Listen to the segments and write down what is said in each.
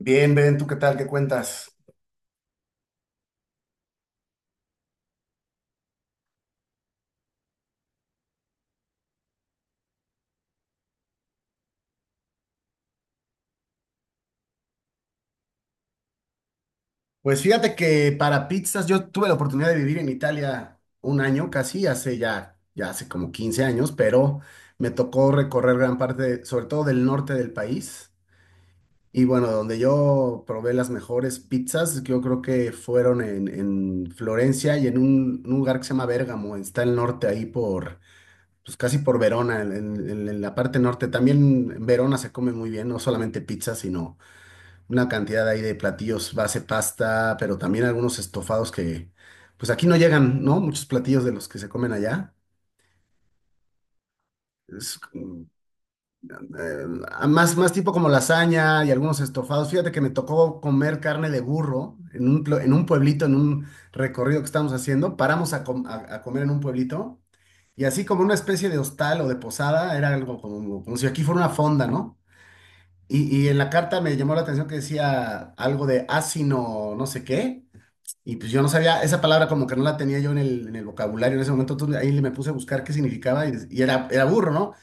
Bien, Ben, ¿tú qué tal? ¿Qué cuentas? Pues fíjate que para pizzas yo tuve la oportunidad de vivir en Italia un año casi, ya hace como 15 años, pero me tocó recorrer gran parte, sobre todo del norte del país. Y bueno, donde yo probé las mejores pizzas, yo creo que fueron en Florencia y en un lugar que se llama Bérgamo, está el norte ahí por, pues casi por Verona, en la parte norte. También en Verona se come muy bien, no solamente pizza, sino una cantidad ahí de platillos base pasta, pero también algunos estofados que, pues aquí no llegan, ¿no? Muchos platillos de los que se comen allá. Es, mm, eh, más tipo como lasaña y algunos estofados. Fíjate que me tocó comer carne de burro en un pueblito, en un recorrido que estamos haciendo. Paramos a comer en un pueblito, y así como una especie de hostal o de posada, era algo como si aquí fuera una fonda, ¿no? Y en la carta me llamó la atención que decía algo de asino, no sé qué. Y pues yo no sabía, esa palabra como que no la tenía yo en el vocabulario en ese momento, entonces ahí le me puse a buscar qué significaba y era burro, ¿no?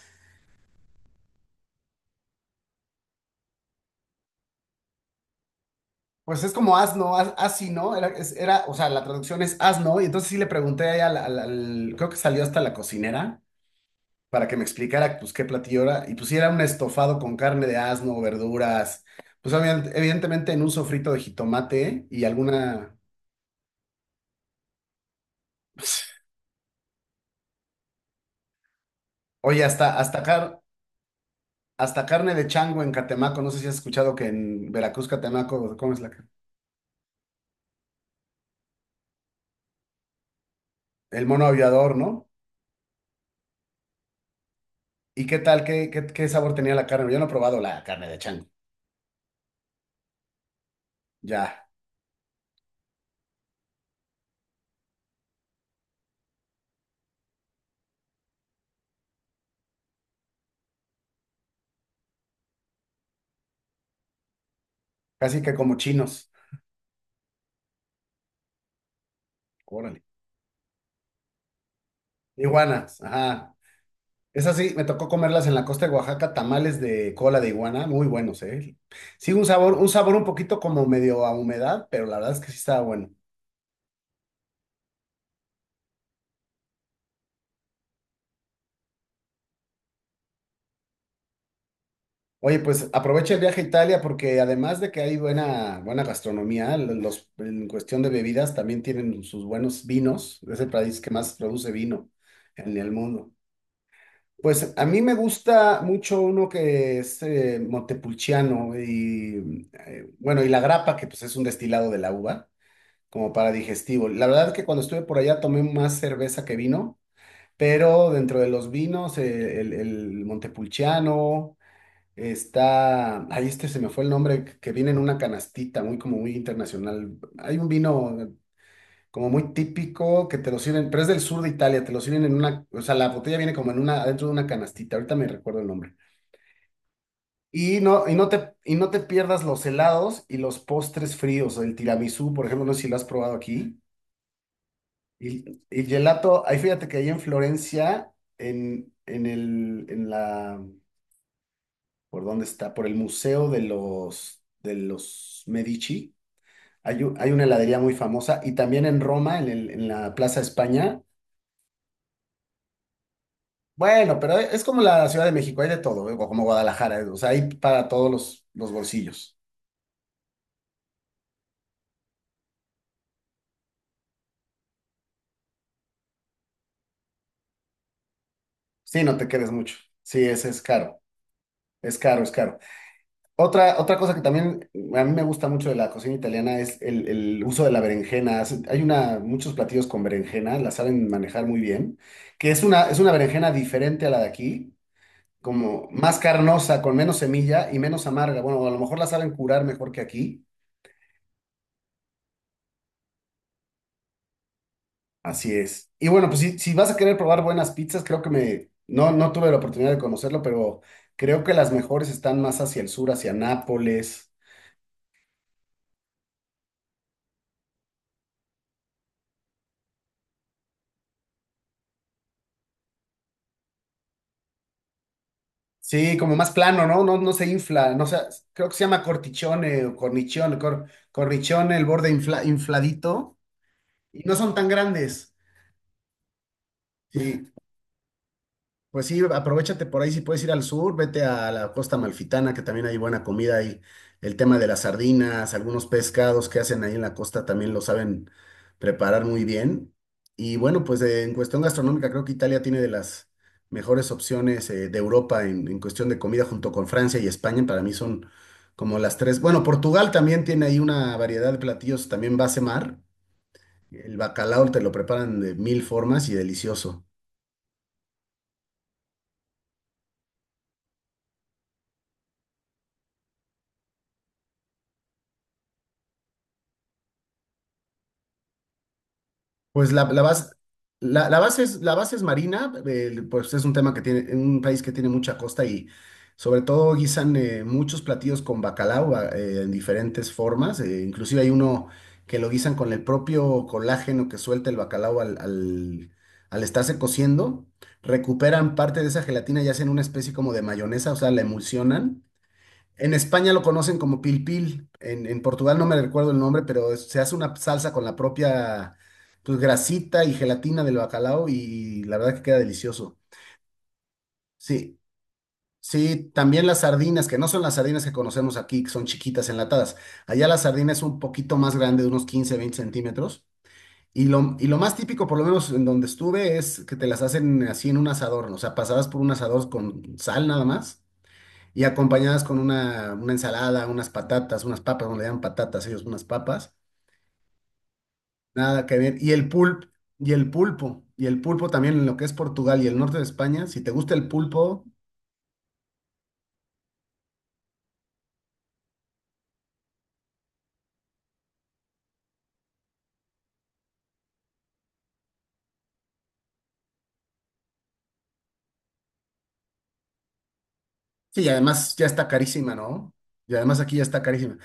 Pues es como asno, asino, era, o sea, la traducción es asno, y entonces sí le pregunté ahí creo que salió hasta la cocinera para que me explicara pues qué platillo era, y pues sí era un estofado con carne de asno, verduras, pues evidentemente en un sofrito de jitomate y alguna, pues, oye, hasta carne de chango en Catemaco, no sé si has escuchado que en Veracruz, Catemaco, ¿cómo es la carne? El mono aviador, ¿no? ¿Y qué tal? ¿Qué sabor tenía la carne? Yo no he probado la carne de chango. Ya, casi que como chinos. Órale. Iguanas, ajá. Esas sí, me tocó comerlas en la costa de Oaxaca, tamales de cola de iguana, muy buenos, ¿eh? Sí, un sabor, un poquito como medio a humedad, pero la verdad es que sí estaba bueno. Oye, pues aprovecha el viaje a Italia porque además de que hay buena, buena gastronomía, en cuestión de bebidas también tienen sus buenos vinos. Es el país que más produce vino en el mundo. Pues a mí me gusta mucho uno que es Montepulciano y bueno, y la grapa, que pues es un destilado de la uva, como para digestivo. La verdad que cuando estuve por allá tomé más cerveza que vino, pero dentro de los vinos, el Montepulciano está, ahí este se me fue el nombre, que viene en una canastita, muy como muy internacional. Hay un vino como muy típico, que te lo sirven, pero es del sur de Italia, te lo sirven en una, o sea, la botella viene como en una, adentro de una canastita, ahorita me recuerdo el nombre. Y no te pierdas los helados y los postres fríos, el tiramisú, por ejemplo, no sé si lo has probado aquí. Y gelato, ahí fíjate que ahí en Florencia, en el, en la, ¿por dónde está? Por el Museo de los Medici, hay una heladería muy famosa. Y también en Roma, en la Plaza España. Bueno, pero es como la Ciudad de México, hay de todo, ¿eh? O como Guadalajara, ¿eh? O sea, hay para todos los bolsillos. Sí, no te quedes mucho. Sí, ese es caro, es caro, es caro. Otra cosa que también a mí me gusta mucho de la cocina italiana es el uso de la berenjena. Muchos platillos con berenjena, la saben manejar muy bien, que es una berenjena diferente a la de aquí, como más carnosa, con menos semilla y menos amarga. Bueno, a lo mejor la saben curar mejor que aquí. Así es. Y bueno, pues si vas a querer probar buenas pizzas, creo que No tuve la oportunidad de conocerlo, pero creo que las mejores están más hacia el sur, hacia Nápoles. Sí, como más plano, ¿no? No, no se infla, no sé, creo que se llama cortichone o cornichone, cornichone, el borde infladito, y no son tan grandes. Sí. Pues sí, aprovéchate por ahí, si puedes ir al sur, vete a la costa amalfitana, que también hay buena comida ahí. El tema de las sardinas, algunos pescados que hacen ahí en la costa también lo saben preparar muy bien. Y bueno, pues en cuestión gastronómica, creo que Italia tiene de las mejores opciones de Europa en cuestión de comida, junto con Francia y España. Para mí son como las tres. Bueno, Portugal también tiene ahí una variedad de platillos, también base mar. El bacalao te lo preparan de mil formas y delicioso. Pues la, la base, la base es marina, pues es un tema que tiene, en un país que tiene mucha costa y sobre todo guisan muchos platillos con bacalao, en diferentes formas, inclusive hay uno que lo guisan con el propio colágeno que suelta el bacalao al estarse cociendo, recuperan parte de esa gelatina y hacen una especie como de mayonesa, o sea, la emulsionan. En España lo conocen como pil pil. En Portugal no me recuerdo el nombre, pero se hace una salsa con la propia pues, grasita y gelatina del bacalao y, la verdad que queda delicioso. Sí, sí, también las sardinas, que no son las sardinas que conocemos aquí, que son chiquitas enlatadas. Allá la sardina es un poquito más grande, de unos 15, 20 centímetros. Y lo más típico, por lo menos en donde estuve, es que te las hacen así en un asador, ¿no? O sea, pasadas por un asador con sal nada más y acompañadas con una, ensalada, unas patatas, unas papas, no le llaman patatas ellos, unas papas, nada que ver. Y el pulp, y el pulpo también en lo que es Portugal y el norte de España, si te gusta el pulpo, sí, y además ya está carísima, ¿no? Y además aquí ya está carísima.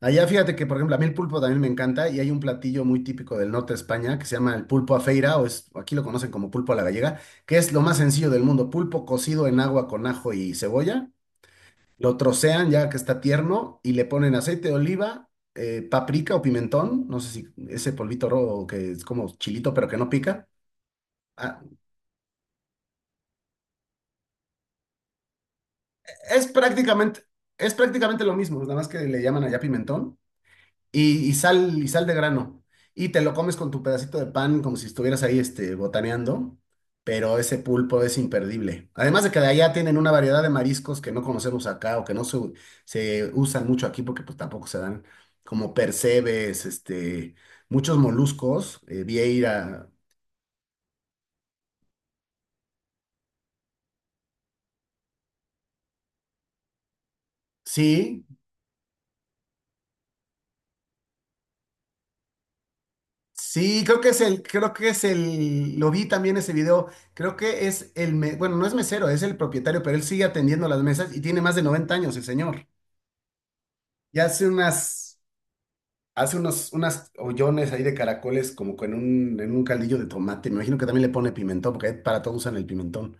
Allá fíjate que, por ejemplo, a mí el pulpo también me encanta y hay un platillo muy típico del norte de España que se llama el pulpo a feira, aquí lo conocen como pulpo a la gallega, que es lo más sencillo del mundo, pulpo cocido en agua con ajo y cebolla. Lo trocean ya que está tierno y le ponen aceite de oliva, paprika o pimentón, no sé si ese polvito rojo que es como chilito pero que no pica. Ah, es prácticamente, es prácticamente lo mismo, nada más que le llaman allá pimentón. Y sal de grano. Y te lo comes con tu pedacito de pan como si estuvieras ahí botaneando, pero ese pulpo es imperdible. Además de que de allá tienen una variedad de mariscos que no conocemos acá o que no se, u- se usan mucho aquí porque pues tampoco se dan como percebes, muchos moluscos, vieira. Sí, sí, creo que es el, creo que es el, lo vi también ese video, creo que es el, me- bueno, no es mesero, es el propietario, pero él sigue atendiendo las mesas y tiene más de 90 años el señor. Y hace unas, hace unas hoyones ahí de caracoles como en un caldillo de tomate. Me imagino que también le pone pimentón, porque para todo usan el pimentón.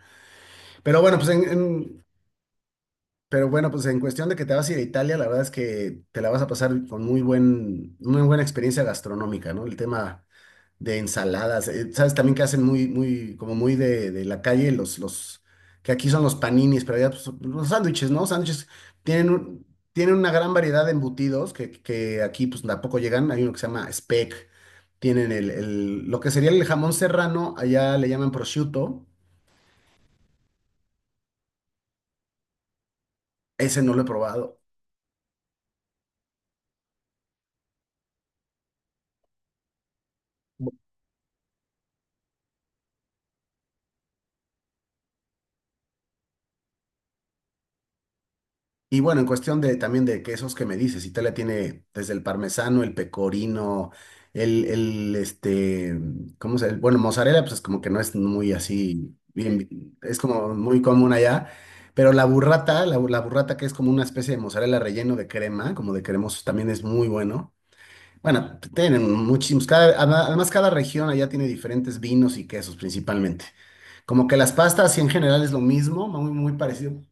Pero bueno, pues en, en- pero bueno, pues en cuestión de que te vas a ir a Italia, la verdad es que te la vas a pasar con muy buena experiencia gastronómica, ¿no? El tema de ensaladas. ¿Sabes también que hacen muy, muy, como muy de la calle? Que aquí son los paninis, pero allá pues, son los sándwiches, ¿no? Sándwiches tienen, un- tienen una gran variedad de embutidos que aquí pues tampoco llegan. Hay uno que se llama speck. Tienen lo que sería el jamón serrano, allá le llaman prosciutto. Ese no lo he probado. Y bueno, en cuestión de también de quesos que me dices, Italia tiene desde el parmesano, el pecorino, el, el este, ¿cómo se llama? Bueno, mozzarella, pues como que no es muy así, bien, es como muy común allá, pero la burrata, la burrata que es como una especie de mozzarella relleno de crema, como de cremoso, también es muy bueno. Bueno, tienen muchísimos, además cada región allá tiene diferentes vinos y quesos principalmente. Como que las pastas sí en general es lo mismo, muy, muy parecido.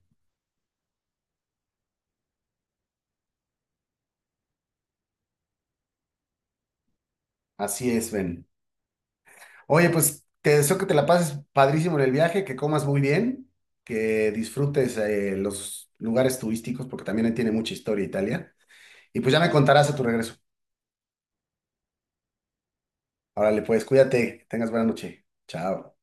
Así es, Ben. Oye, pues te deseo que te la pases padrísimo en el viaje, que comas muy bien, que disfrutes los lugares turísticos, porque también ahí tiene mucha historia Italia. Y pues ya me contarás a tu regreso. Órale, pues cuídate, que tengas buena noche. Chao.